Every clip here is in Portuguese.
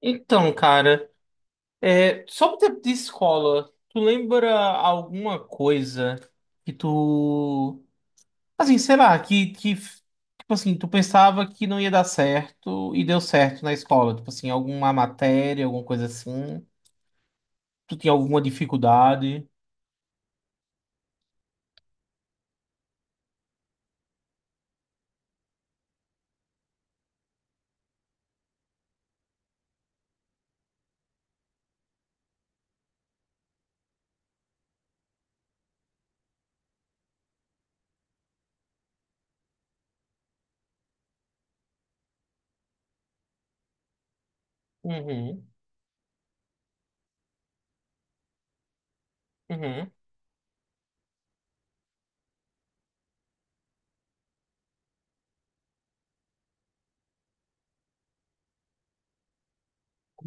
Então, cara, é, sobre o tempo de escola, tu lembra alguma coisa que tu, assim, sei lá, tipo assim, tu pensava que não ia dar certo e deu certo na escola? Tipo assim, alguma matéria, alguma coisa assim? Tu tinha alguma dificuldade? Uhum, uhum.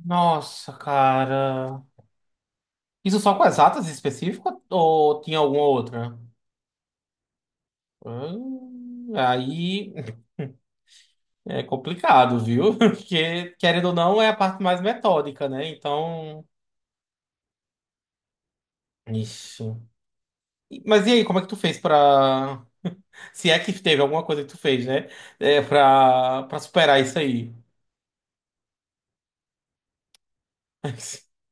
Nossa, cara. Isso só com as atas específicas ou tinha alguma outra? Aí. É complicado, viu? Porque, querendo ou não, é a parte mais metódica, né? Então. Ixi. E- Mas e aí, como é que tu fez pra. Se é que teve alguma coisa que tu fez, né? É, pra superar isso aí.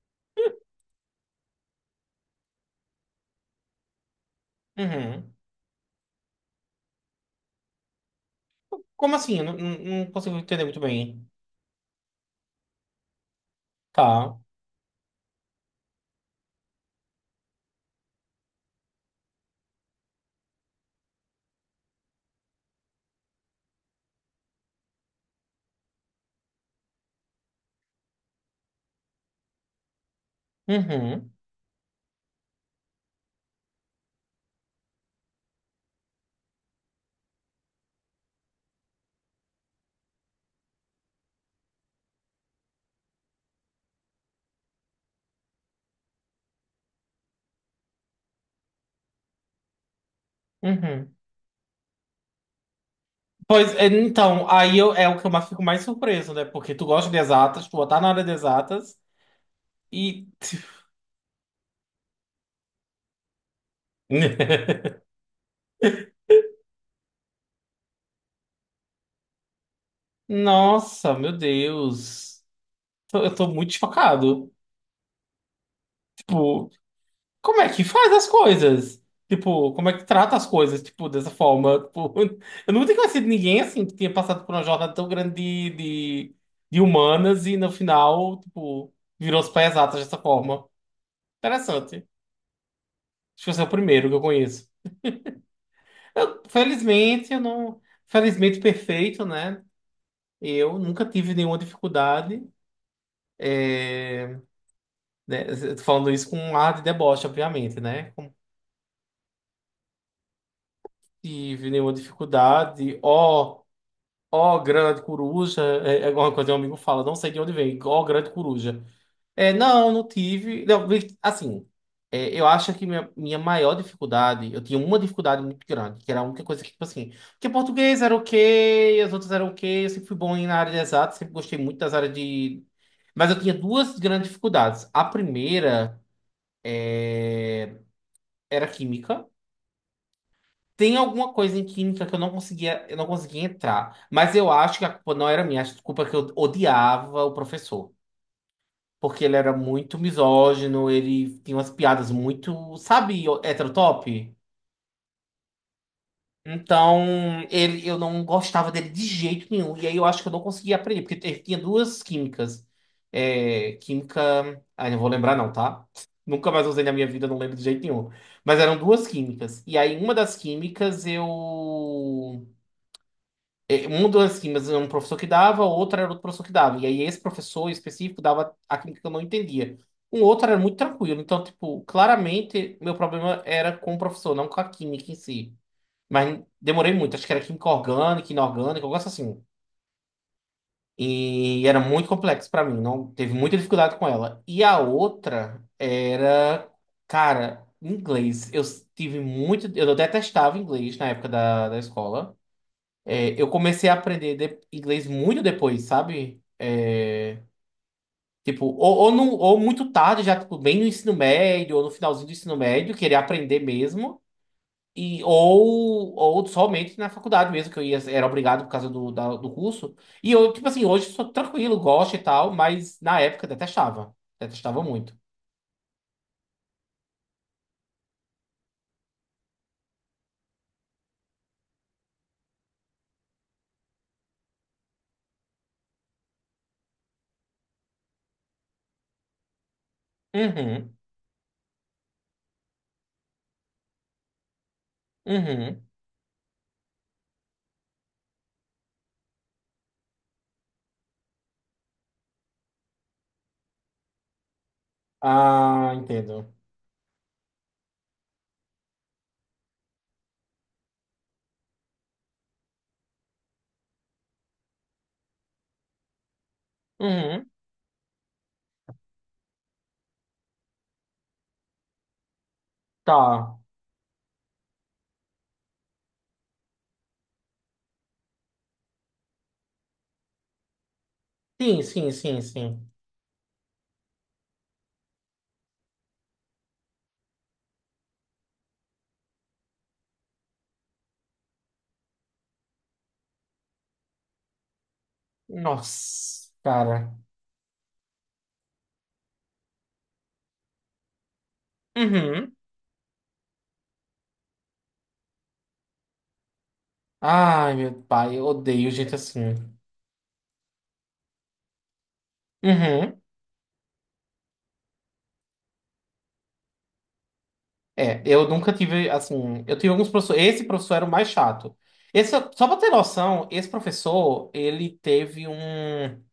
Uhum. Como assim? Eu não, não não consigo entender muito bem. Tá. Uhum. Uhum. Pois, é, então, aí eu, é o que eu mais- fico mais surpreso, né? Porque tu gosta de exatas, tu tá na área de exatas e. Nossa, meu Deus. Tô- eu tô muito chocado. Tipo, como é que faz as coisas? Tipo, como é que trata as coisas, tipo, dessa forma? Tipo, eu nunca tinha conhecido ninguém, assim, que tinha passado por uma jornada tão grande de, de humanas e, no final, tipo, virou os pés exatas dessa forma. Interessante. Acho que você é o primeiro que eu conheço. Felizmente, eu não... Felizmente, perfeito, né? Eu nunca tive nenhuma dificuldade, né? Eu tô falando isso com um ar de deboche, obviamente, né? Não tive nenhuma dificuldade. Ó, ó, grande coruja, é, é uma coisa que um amigo fala, não sei de onde vem, ó, grande coruja. É, não, não tive. Não, vi- assim, é, eu acho que minha maior dificuldade, eu tinha uma dificuldade muito grande, que era a única coisa que, tipo assim, porque português era ok, as outras eram ok, eu sempre fui bom em- na área de exatas, sempre gostei muito das áreas de. Mas eu tinha duas grandes dificuldades. A primeira era química. Tem alguma coisa em química que eu não conseguia entrar. Mas eu acho que a culpa não era minha, acho que a culpa é que eu odiava o professor. Porque ele era muito misógino, ele tinha umas piadas muito, sabe, heterotop? Então, ele, eu não gostava dele de jeito nenhum. E aí eu acho que eu não conseguia aprender, porque ele tinha duas químicas. É, química. Ah, não vou lembrar, não, tá? Nunca mais usei na minha vida, não lembro de jeito nenhum. Mas eram duas químicas. E aí, uma das químicas eu. É, um das químicas era um professor que dava, outro era outro professor que dava. E aí esse professor específico dava a química que eu não entendia. Um outro era muito tranquilo. Então, tipo, claramente meu problema era com o professor, não com a química em si. Mas demorei muito. Acho que era química orgânica, inorgânica, um negócio assim. E era muito complexo pra mim. Não teve muita dificuldade com ela. E a outra era, cara, inglês. Eu tive muito. Eu detestava inglês na época da escola. É, eu comecei a aprender de- inglês muito depois, sabe? É, tipo, no- ou muito tarde, já tipo, bem no ensino médio, ou no finalzinho do ensino médio, querer aprender mesmo. E, ou somente na faculdade mesmo, que eu ia, era obrigado por causa da- do curso. E eu, tipo assim, hoje sou tranquilo, gosto e tal, mas na época detestava. Detestava muito. Uhum, uhum. Ah, entendo. Uhum, tá. Sim. Nossa, cara. Uhum. Ai, meu pai, eu odeio gente assim. Uhum. É, eu nunca tive, assim, eu tive alguns professores, esse professor era o mais chato. Esse, só pra ter noção, esse professor, ele teve um...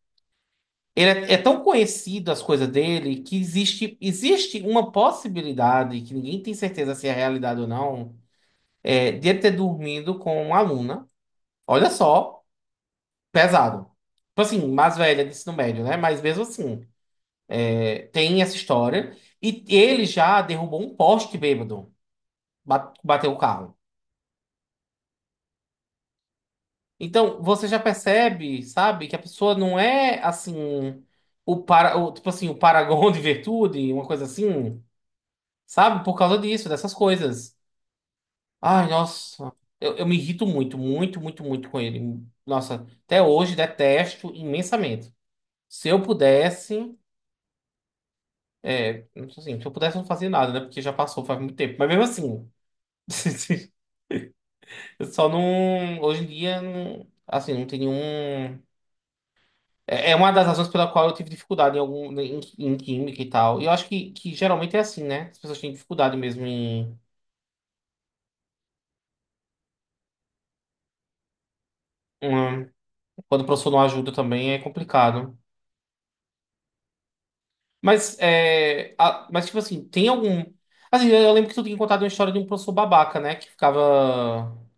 Ele é, é tão conhecido as coisas dele que existe uma possibilidade, que ninguém tem certeza se é realidade ou não, é, de ele ter dormido com uma aluna, olha só, pesado. Tipo assim, mais velha de ensino médio, né? Mas mesmo assim... Tem essa história. E ele já derrubou um poste bêbado. Ba- Bateu o carro. Então, você já percebe, sabe, que a pessoa não é assim. O para, o- tipo assim, o paragon de virtude, uma coisa assim. Sabe? Por causa disso, dessas coisas. Ai, nossa. Eu me irrito muito com ele. Nossa, até hoje detesto imensamente. Se eu pudesse. É, assim, se eu pudesse não fazer nada, né? Porque já passou faz muito tempo. Mas mesmo assim. Eu só não. Hoje em dia, não- assim, não tem nenhum. É é uma das razões pela qual eu tive dificuldade em algum em química e tal. E eu acho que geralmente é assim, né? As pessoas têm dificuldade mesmo em. Em- Quando o professor não ajuda também é complicado. Mas, é, a- mas tipo assim, tem algum. Assim, eu lembro que tu tinha contado uma história de um professor babaca, né? Que ficava.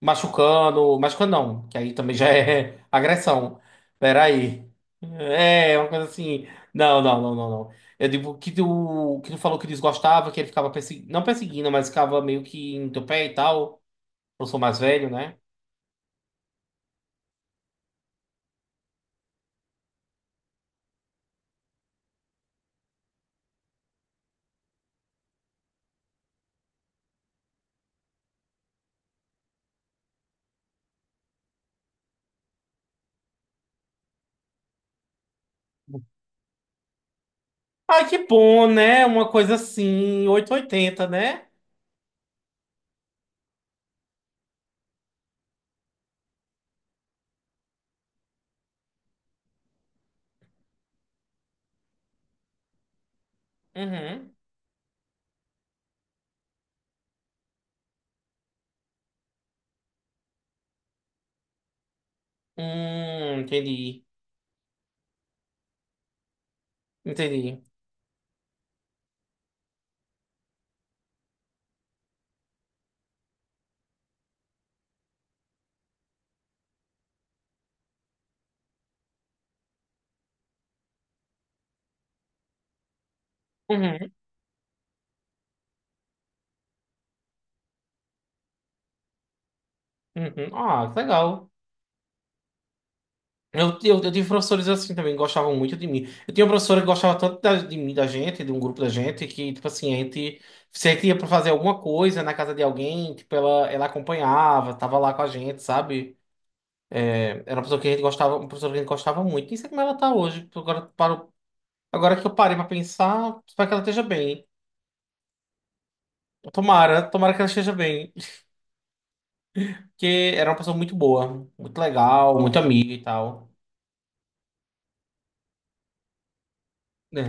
Machucando, machucando não, que aí também já é agressão. Peraí. É, uma coisa assim. Não. Eu digo que tu falou que desgostava, que ele ficava perseguindo, não perseguindo, mas ficava meio que em teu pé e tal. Eu sou mais velho, né? Ai, que bom, né? Uma coisa assim, 880, né? Uhum. Entendi. Entendi. Uhum, uhum. Ah, que legal. Eu tive professores assim também, que gostavam muito de mim. Eu tinha uma professora que gostava tanto da- de mim, da gente, de um grupo da gente, que, tipo assim, se a gente ia pra fazer alguma coisa na casa de alguém, tipo, ela acompanhava, tava lá com a gente, sabe? Era uma pessoa que a gente gostava, uma pessoa que a gente gostava muito. Nem sei como ela tá hoje. Tipo, agora, paro, agora que eu parei pra pensar, espero que ela esteja bem. Tomara que ela esteja bem. Porque era uma pessoa muito boa, muito legal, muito amiga e tal. É.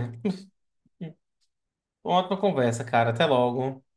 Uma ótima conversa, cara. Até logo.